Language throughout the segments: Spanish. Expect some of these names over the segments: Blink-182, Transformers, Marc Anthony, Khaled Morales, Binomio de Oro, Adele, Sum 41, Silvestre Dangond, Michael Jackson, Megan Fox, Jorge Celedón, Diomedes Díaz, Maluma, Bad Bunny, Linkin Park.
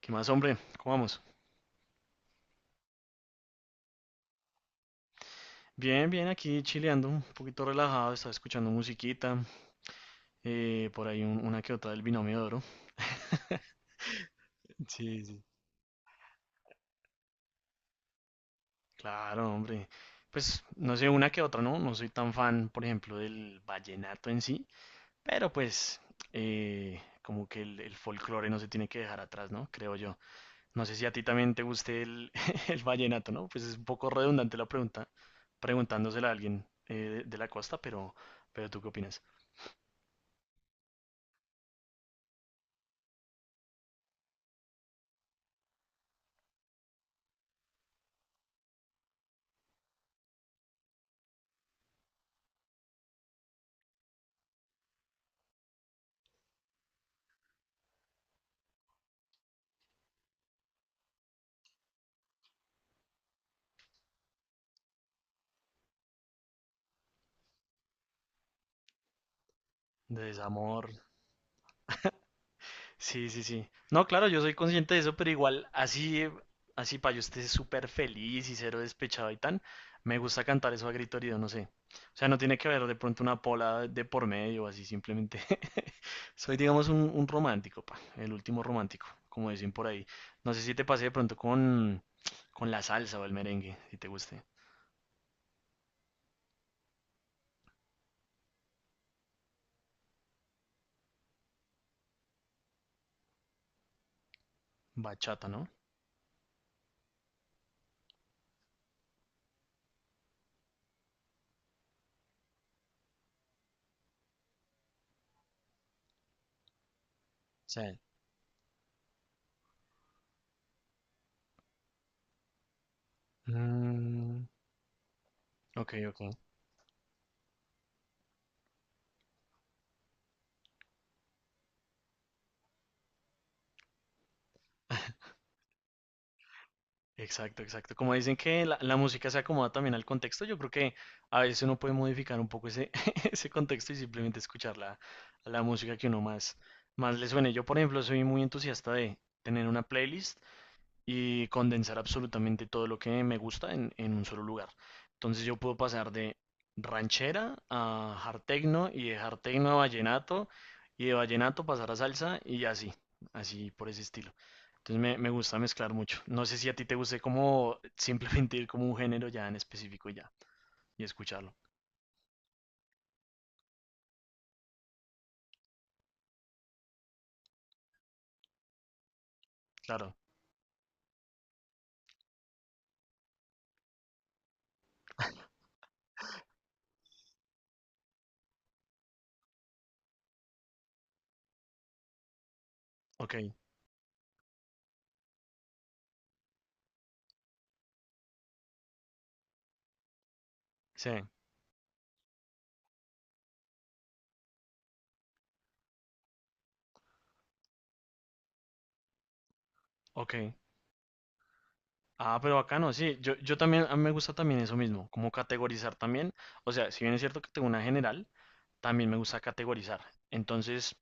¿Qué más, hombre? ¿Cómo vamos? Bien, bien, aquí chileando, un poquito relajado, estaba escuchando musiquita, por ahí una que otra del Binomio de Oro. Sí, sí. Claro, hombre. Pues no sé, una que otra, ¿no? No soy tan fan, por ejemplo, del vallenato en sí, pero pues como que el folclore no se tiene que dejar atrás, ¿no? Creo yo. No sé si a ti también te guste el, el vallenato, ¿no? Pues es un poco redundante la pregunta, preguntándosela a alguien de la costa, pero, ¿tú qué opinas? De desamor. Sí, sí, sí. No, claro, yo soy consciente de eso, pero igual así, así para yo esté súper feliz y cero despechado y tan, me gusta cantar eso a grito herido, no sé. O sea, no tiene que haber de pronto una pola de por medio, así simplemente. Soy, digamos, un romántico, pa, el último romántico, como dicen por ahí. No sé si te pasé de pronto con la salsa o el merengue, si te guste. Bachata, ¿no? Sí. Mm, ok, ok. Exacto, exacto. Como dicen que la música se acomoda también al contexto, yo creo que a veces uno puede modificar un poco ese, ese contexto y simplemente escuchar la música que uno más le suene. Yo, por ejemplo, soy muy entusiasta de tener una playlist y condensar absolutamente todo lo que me gusta en un solo lugar. Entonces yo puedo pasar de ranchera a hard techno y de hard techno a vallenato y de vallenato pasar a salsa y así, así por ese estilo. Entonces me gusta mezclar mucho. No sé si a ti te guste como simplemente ir como un género ya en específico y ya, y escucharlo. Claro, ok, sí, ok. Ah, pero bacano, sí. Yo también, a mí me gusta también eso mismo, como categorizar también. O sea, si bien es cierto que tengo una general, también me gusta categorizar. Entonces,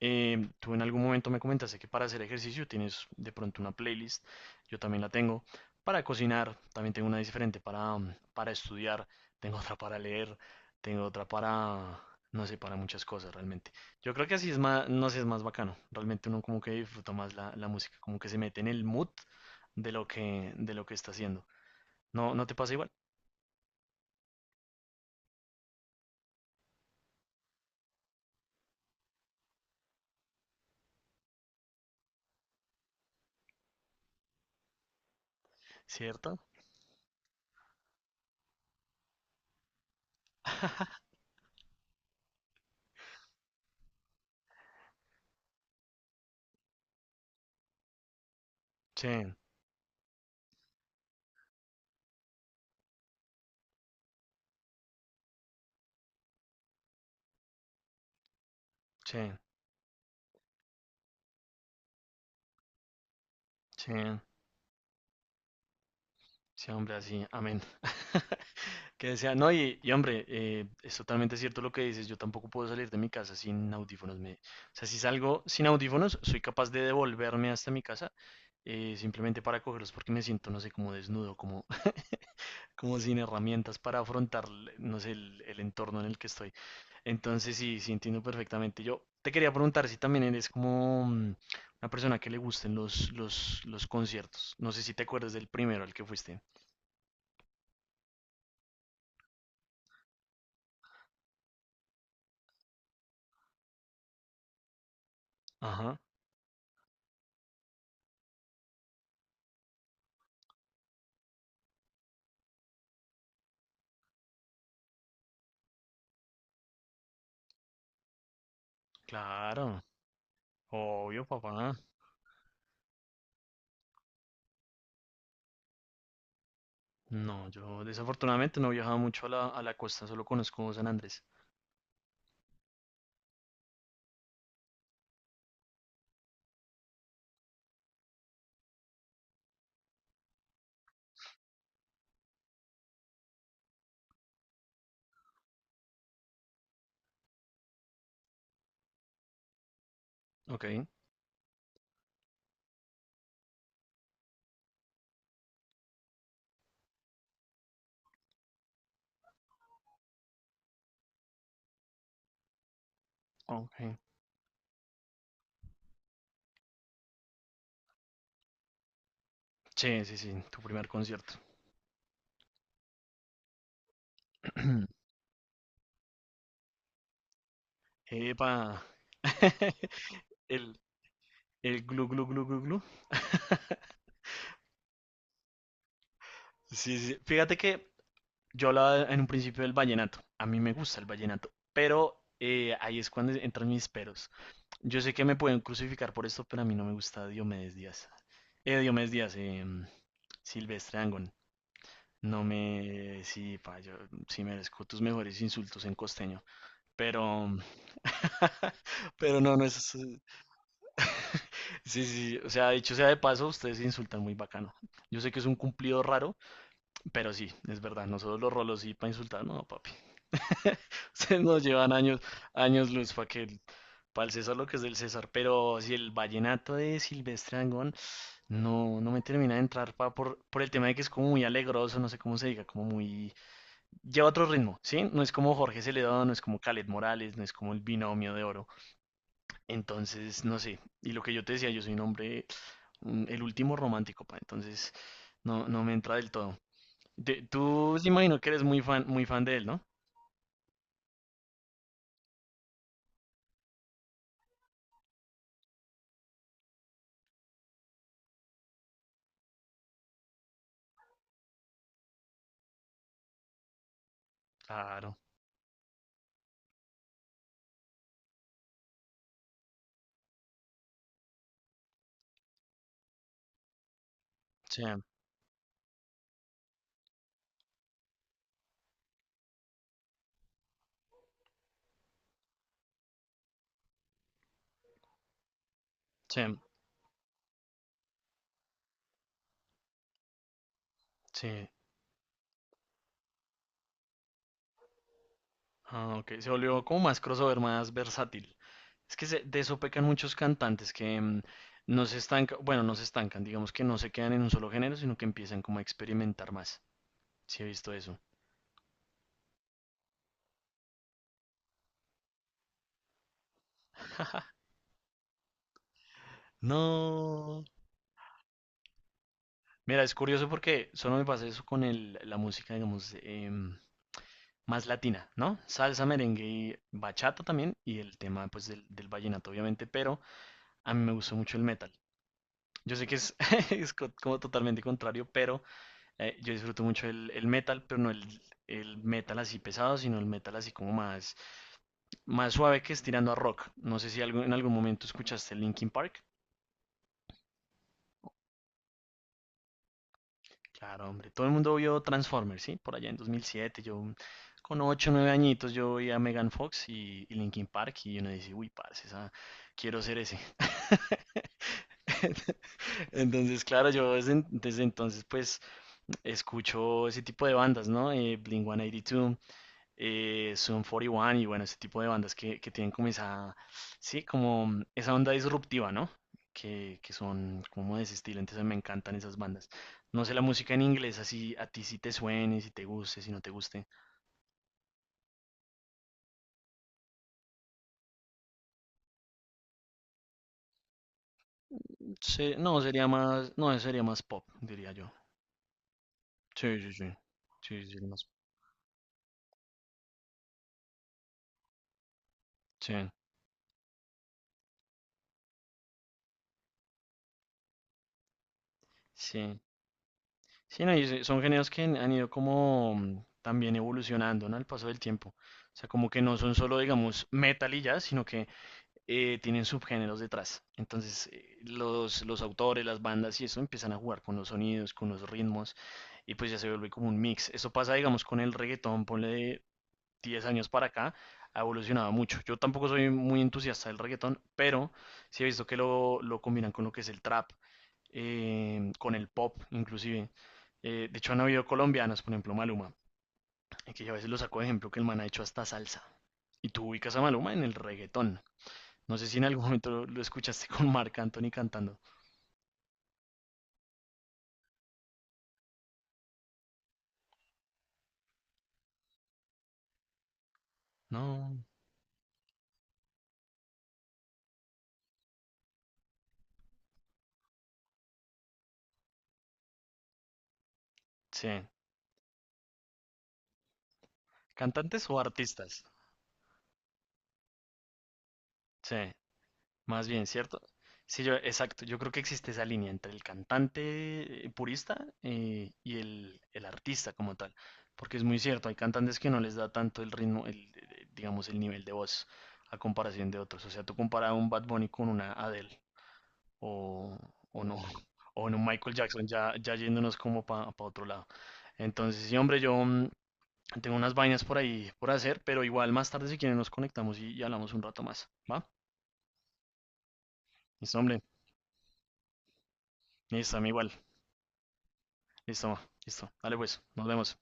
tú en algún momento me comentaste que para hacer ejercicio tienes de pronto una playlist, yo también la tengo. Para cocinar, también tengo una diferente. Para, para estudiar, tengo otra para leer, tengo otra para, no sé, para muchas cosas realmente. Yo creo que así es más, no sé, es más bacano. Realmente uno como que disfruta más la música, como que se mete en el mood de lo que, está haciendo. ¿No, no te pasa igual? ¿Cierto? Sí, sí, sí, sí, hombre, así, amén. Que sea, no, y hombre, es totalmente cierto lo que dices, yo tampoco puedo salir de mi casa sin audífonos. O sea, si salgo sin audífonos, soy capaz de devolverme hasta mi casa simplemente para cogerlos porque me siento, no sé, como desnudo, como, como sin herramientas para afrontar, no sé, el entorno en el que estoy. Entonces sí, sí entiendo perfectamente. Yo te quería preguntar si también eres como una persona que le gusten los conciertos. No sé si te acuerdas del primero al que fuiste. Ajá, claro. Obvio, papá. No, yo desafortunadamente no he viajado mucho a la costa, solo conozco San Andrés. Ok, ok. Sí, sí, sí, tu primer concierto. Epa. El, el glu glu glu glu glu. Sí, sí. Fíjate que yo hablaba en un principio del vallenato. A mí me gusta el vallenato, pero ahí es cuando entran mis peros. Yo sé que me pueden crucificar por esto, pero a mí no me gusta Diomedes Díaz. Diomedes Díaz, Silvestre Angón. No me... Sí, pa, yo sí merezco tus mejores insultos en costeño. Pero... Pero no, no es... Sí, sí, sí, o sea, dicho sea de paso, ustedes se insultan muy bacano. Yo sé que es un cumplido raro, pero sí, es verdad. Nosotros los rolos sí para insultar, no, papi. Ustedes nos llevan años, años luz para que para el César lo que es del César. Pero si el vallenato de Silvestre Dangond no, no me termina de entrar pa, por el tema de que es como muy alegroso, no sé cómo se diga, como muy... Lleva otro ritmo, ¿sí? No es como Jorge Celedón, no es como Khaled Morales, no es como el binomio de oro. Entonces, no sé. Y lo que yo te decía, yo soy un hombre, el último romántico, pa. Entonces, no, no me entra del todo. Tú, sí imagino que eres muy fan de él, ¿no? Claro. Sí, sí. Sí, ah, ok, se volvió como más crossover, más versátil. Es que de eso pecan muchos cantantes que no se estancan, bueno, no se estancan, digamos que no se quedan en un solo género, sino que empiezan como a experimentar más. Sí, he visto eso. No. Mira, es curioso porque solo me pasa eso con la música, digamos, más latina, ¿no? Salsa, merengue y bachata también, y el tema, pues, del vallenato, obviamente, pero a mí me gustó mucho el metal. Yo sé que es, como totalmente contrario, pero yo disfruto mucho el metal, pero no el metal así pesado, sino el metal así como más suave que es tirando a rock. No sé si algo, en algún momento escuchaste Linkin Park. Claro, hombre, todo el mundo vio Transformers, ¿sí? Por allá en 2007, yo con 8 o 9 añitos yo veía a Megan Fox y Linkin Park y uno dice, uy, parce, quiero ser ese. Entonces, claro, yo desde, entonces pues escucho ese tipo de bandas, ¿no? Blink-182, Sum 41 y uno y bueno, ese tipo de bandas que tienen como esa, sí, como esa onda disruptiva, ¿no? Que son como de ese estilo, entonces me encantan esas bandas. No sé la música en inglés, así a ti si te suene, si te guste, si no te guste. No, sería más, no, sería más pop, diría yo. Sí, sí, sí. Sí, sí, sería más pop. Sí, sí. Sí, no, y son géneros que han ido como también evolucionando, ¿no? Al paso del tiempo. O sea, como que no son solo, digamos, metal y ya, sino que tienen subgéneros detrás. Entonces, los autores, las bandas y eso empiezan a jugar con los sonidos, con los ritmos, y pues ya se vuelve como un mix. Eso pasa, digamos, con el reggaetón, ponle de 10 años para acá, ha evolucionado mucho. Yo tampoco soy muy entusiasta del reggaetón, pero sí he visto que lo combinan con lo que es el trap, con el pop, inclusive. De hecho, han habido colombianos, por ejemplo, Maluma, que yo a veces lo saco de ejemplo, que el man ha hecho hasta salsa. Y tú ubicas a Maluma en el reggaetón. No sé si en algún momento lo escuchaste con Marc Anthony cantando. No, sí. ¿Cantantes o artistas? Sí, más bien, ¿cierto? Sí, yo, exacto. Yo creo que existe esa línea entre el cantante purista y el artista como tal. Porque es muy cierto, hay cantantes que no les da tanto el ritmo, digamos, el nivel de voz a comparación de otros. O sea, tú comparas a un Bad Bunny con una Adele o, o no, o en un Michael Jackson, ya, ya yéndonos como para otro lado. Entonces, sí, hombre, yo, tengo unas vainas por ahí por hacer, pero igual más tarde si quieren nos conectamos y hablamos un rato más. ¿Va? Listo, hombre. Listo, a mí igual. Listo, listo. Dale pues, nos vemos.